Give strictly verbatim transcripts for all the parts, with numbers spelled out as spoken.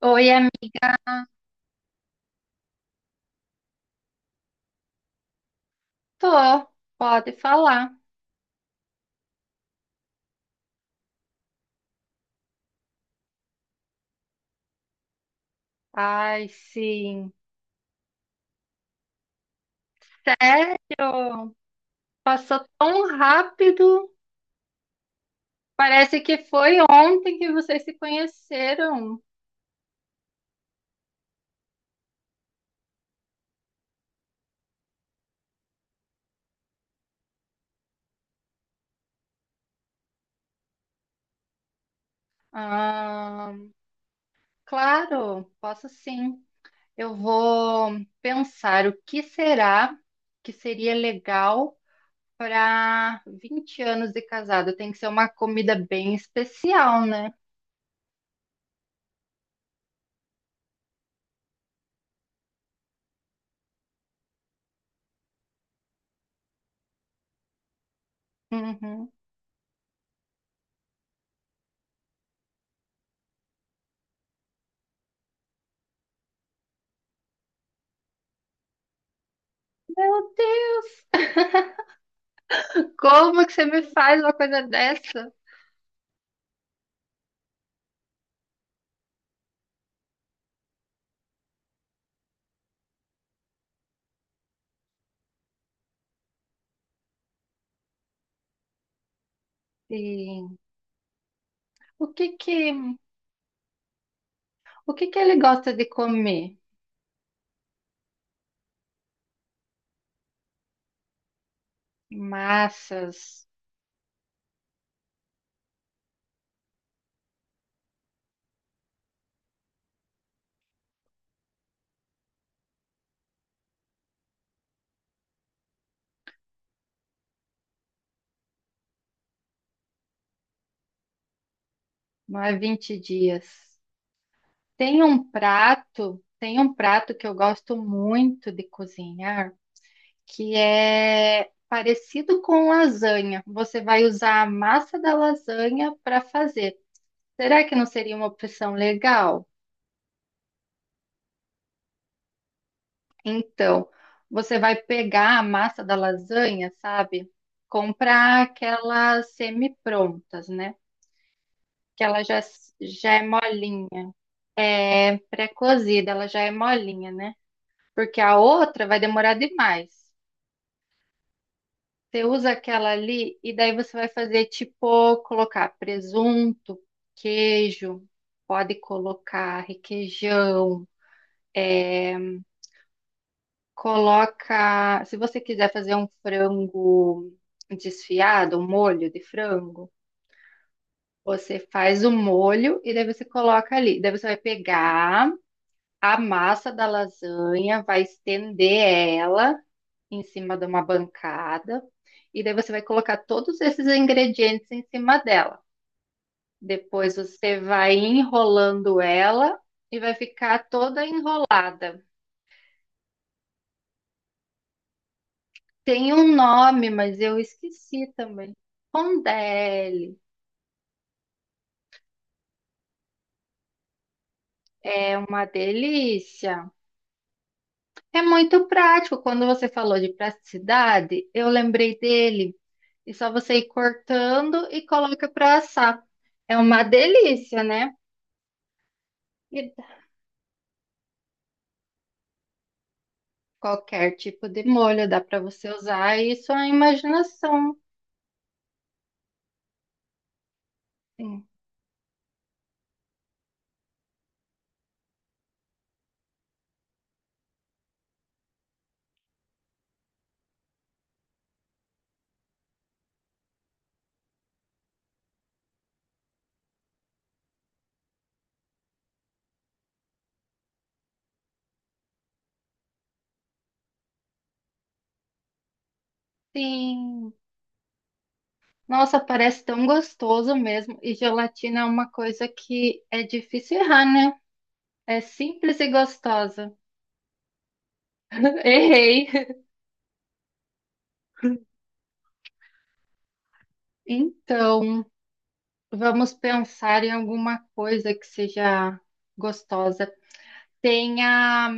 Oi, amigo. Tô, pode falar. Ai, sim. Sério? Passou tão rápido. Parece que foi ontem que vocês se conheceram. Ah, claro, posso sim. Eu vou pensar o que será que seria legal para vinte anos de casado. Tem que ser uma comida bem especial, né? Uhum. Meu Deus, como que você me faz uma coisa dessa? Sim. O que que, o que que ele gosta de comer? Massas, não é vinte dias. Tem um prato, tem um prato que eu gosto muito de cozinhar, que é parecido com lasanha. Você vai usar a massa da lasanha para fazer. Será que não seria uma opção legal? Então, você vai pegar a massa da lasanha, sabe? Comprar aquelas semi-prontas, né? que ela já, já é molinha. É pré-cozida, ela já é molinha, né? Porque a outra vai demorar demais. Você usa aquela ali e daí você vai fazer tipo colocar presunto, queijo, pode colocar requeijão, é, coloca, se você quiser fazer um frango desfiado, um molho de frango, você faz o molho e daí você coloca ali. Daí você vai pegar a massa da lasanha, vai estender ela em cima de uma bancada e daí você vai colocar todos esses ingredientes em cima dela. Depois você vai enrolando ela e vai ficar toda enrolada. Tem um nome, mas eu esqueci também. Rondelli. É uma delícia. É muito prático. Quando você falou de praticidade, eu lembrei dele. E só você ir cortando e coloca para assar. É uma delícia, né? E qualquer tipo de molho dá para você usar, e isso é imaginação. Sim. Sim. Nossa, parece tão gostoso mesmo. E gelatina é uma coisa que é difícil errar, né? É simples e gostosa. Errei. Então, vamos pensar em alguma coisa que seja gostosa. Tem a...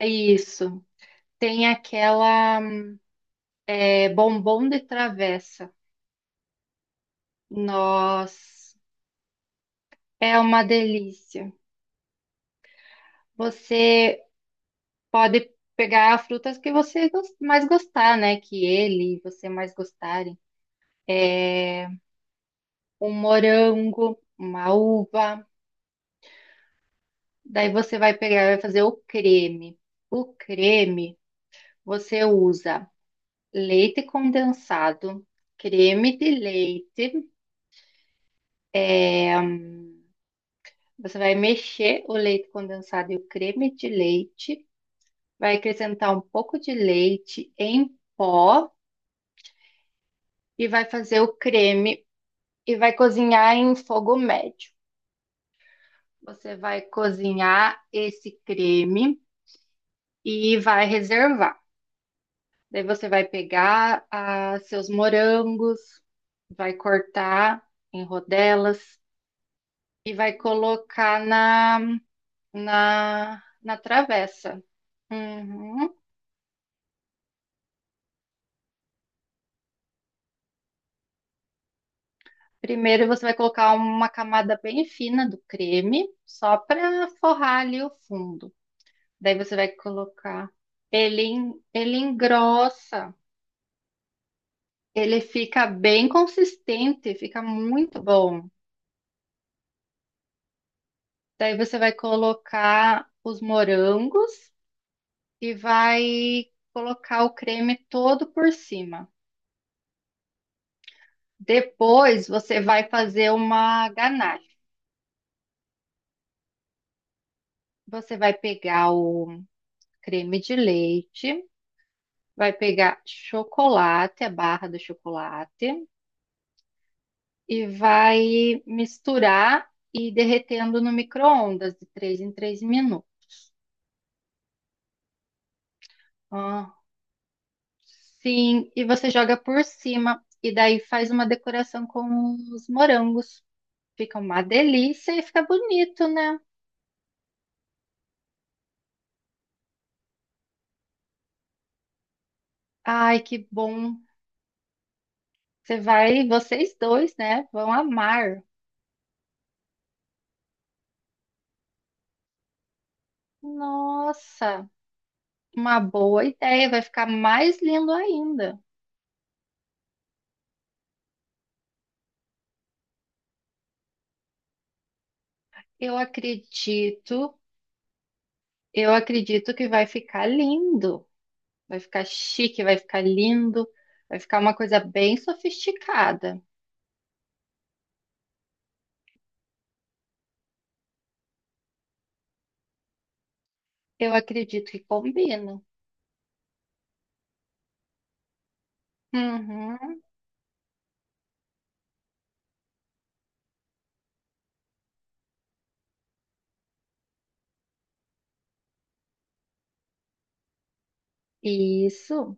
Isso. Tem aquela, é bombom de travessa. Nossa, é uma delícia. Você pode pegar frutas que você gos- mais gostar, né? Que ele e você mais gostarem. É um morango, uma uva. Daí você vai pegar, vai fazer o creme. O creme você usa leite condensado, creme de leite. é, você vai mexer o leite condensado e o creme de leite. Vai acrescentar um pouco de leite em pó e vai fazer o creme e vai cozinhar em fogo médio. Você vai cozinhar esse creme e vai reservar. Daí você vai pegar ah, seus morangos, vai cortar em rodelas e vai colocar na, na, na travessa. Uhum. Primeiro você vai colocar uma camada bem fina do creme, só para forrar ali o fundo. Daí você vai colocar. Ele, en- ele engrossa, ele fica bem consistente, fica muito bom. Daí você vai colocar os morangos e vai colocar o creme todo por cima. Depois você vai fazer uma ganache. Você vai pegar o creme de leite, vai pegar chocolate, a barra do chocolate, e vai misturar e ir derretendo no micro-ondas de três em três minutos. Ah, sim, e você joga por cima, e daí faz uma decoração com os morangos. Fica uma delícia e fica bonito, né? Ai, que bom. Você vai, vocês dois, né? Vão amar. Nossa, uma boa ideia. Vai ficar mais lindo ainda. Eu acredito Eu acredito que vai ficar lindo, vai ficar chique, vai ficar lindo, vai ficar uma coisa bem sofisticada. Eu acredito que combina. Uhum. Isso.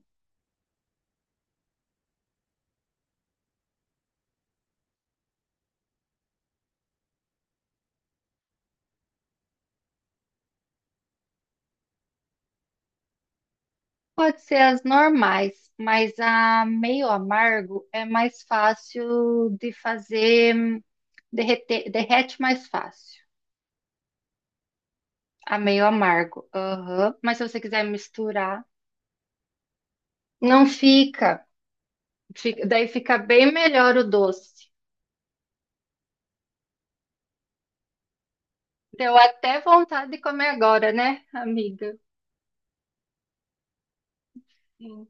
Pode ser as normais, mas a meio amargo é mais fácil de fazer, hum, derreter, derrete mais fácil. A meio amargo. Aham. Mas se você quiser misturar, não fica. Fica, daí fica bem melhor o doce. Deu até vontade de comer agora, né, amiga? Sim.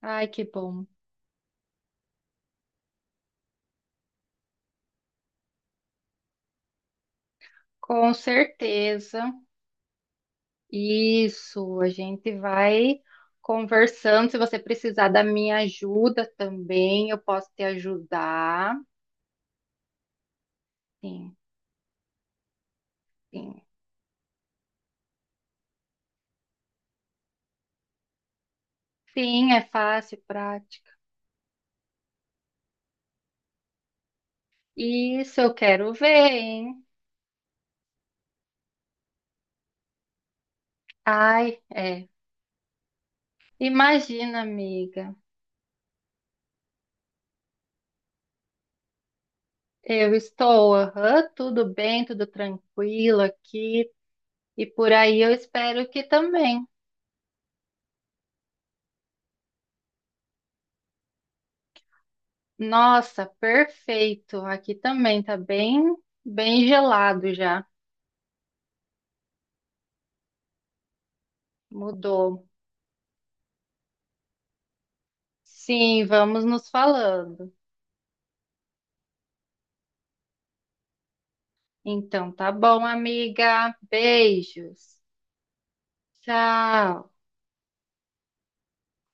Ai, que bom. Com certeza. Isso, a gente vai conversando. Se você precisar da minha ajuda também, eu posso te ajudar. Sim, sim. Sim, é fácil, prática. Isso, eu quero ver, hein? Ai, é. Imagina, amiga. Eu estou, aham, tudo bem, tudo tranquilo aqui. E por aí eu espero que também. Nossa, perfeito. Aqui também tá bem, bem gelado já. Mudou. Sim, vamos nos falando. Então, tá bom, amiga. Beijos. Tchau.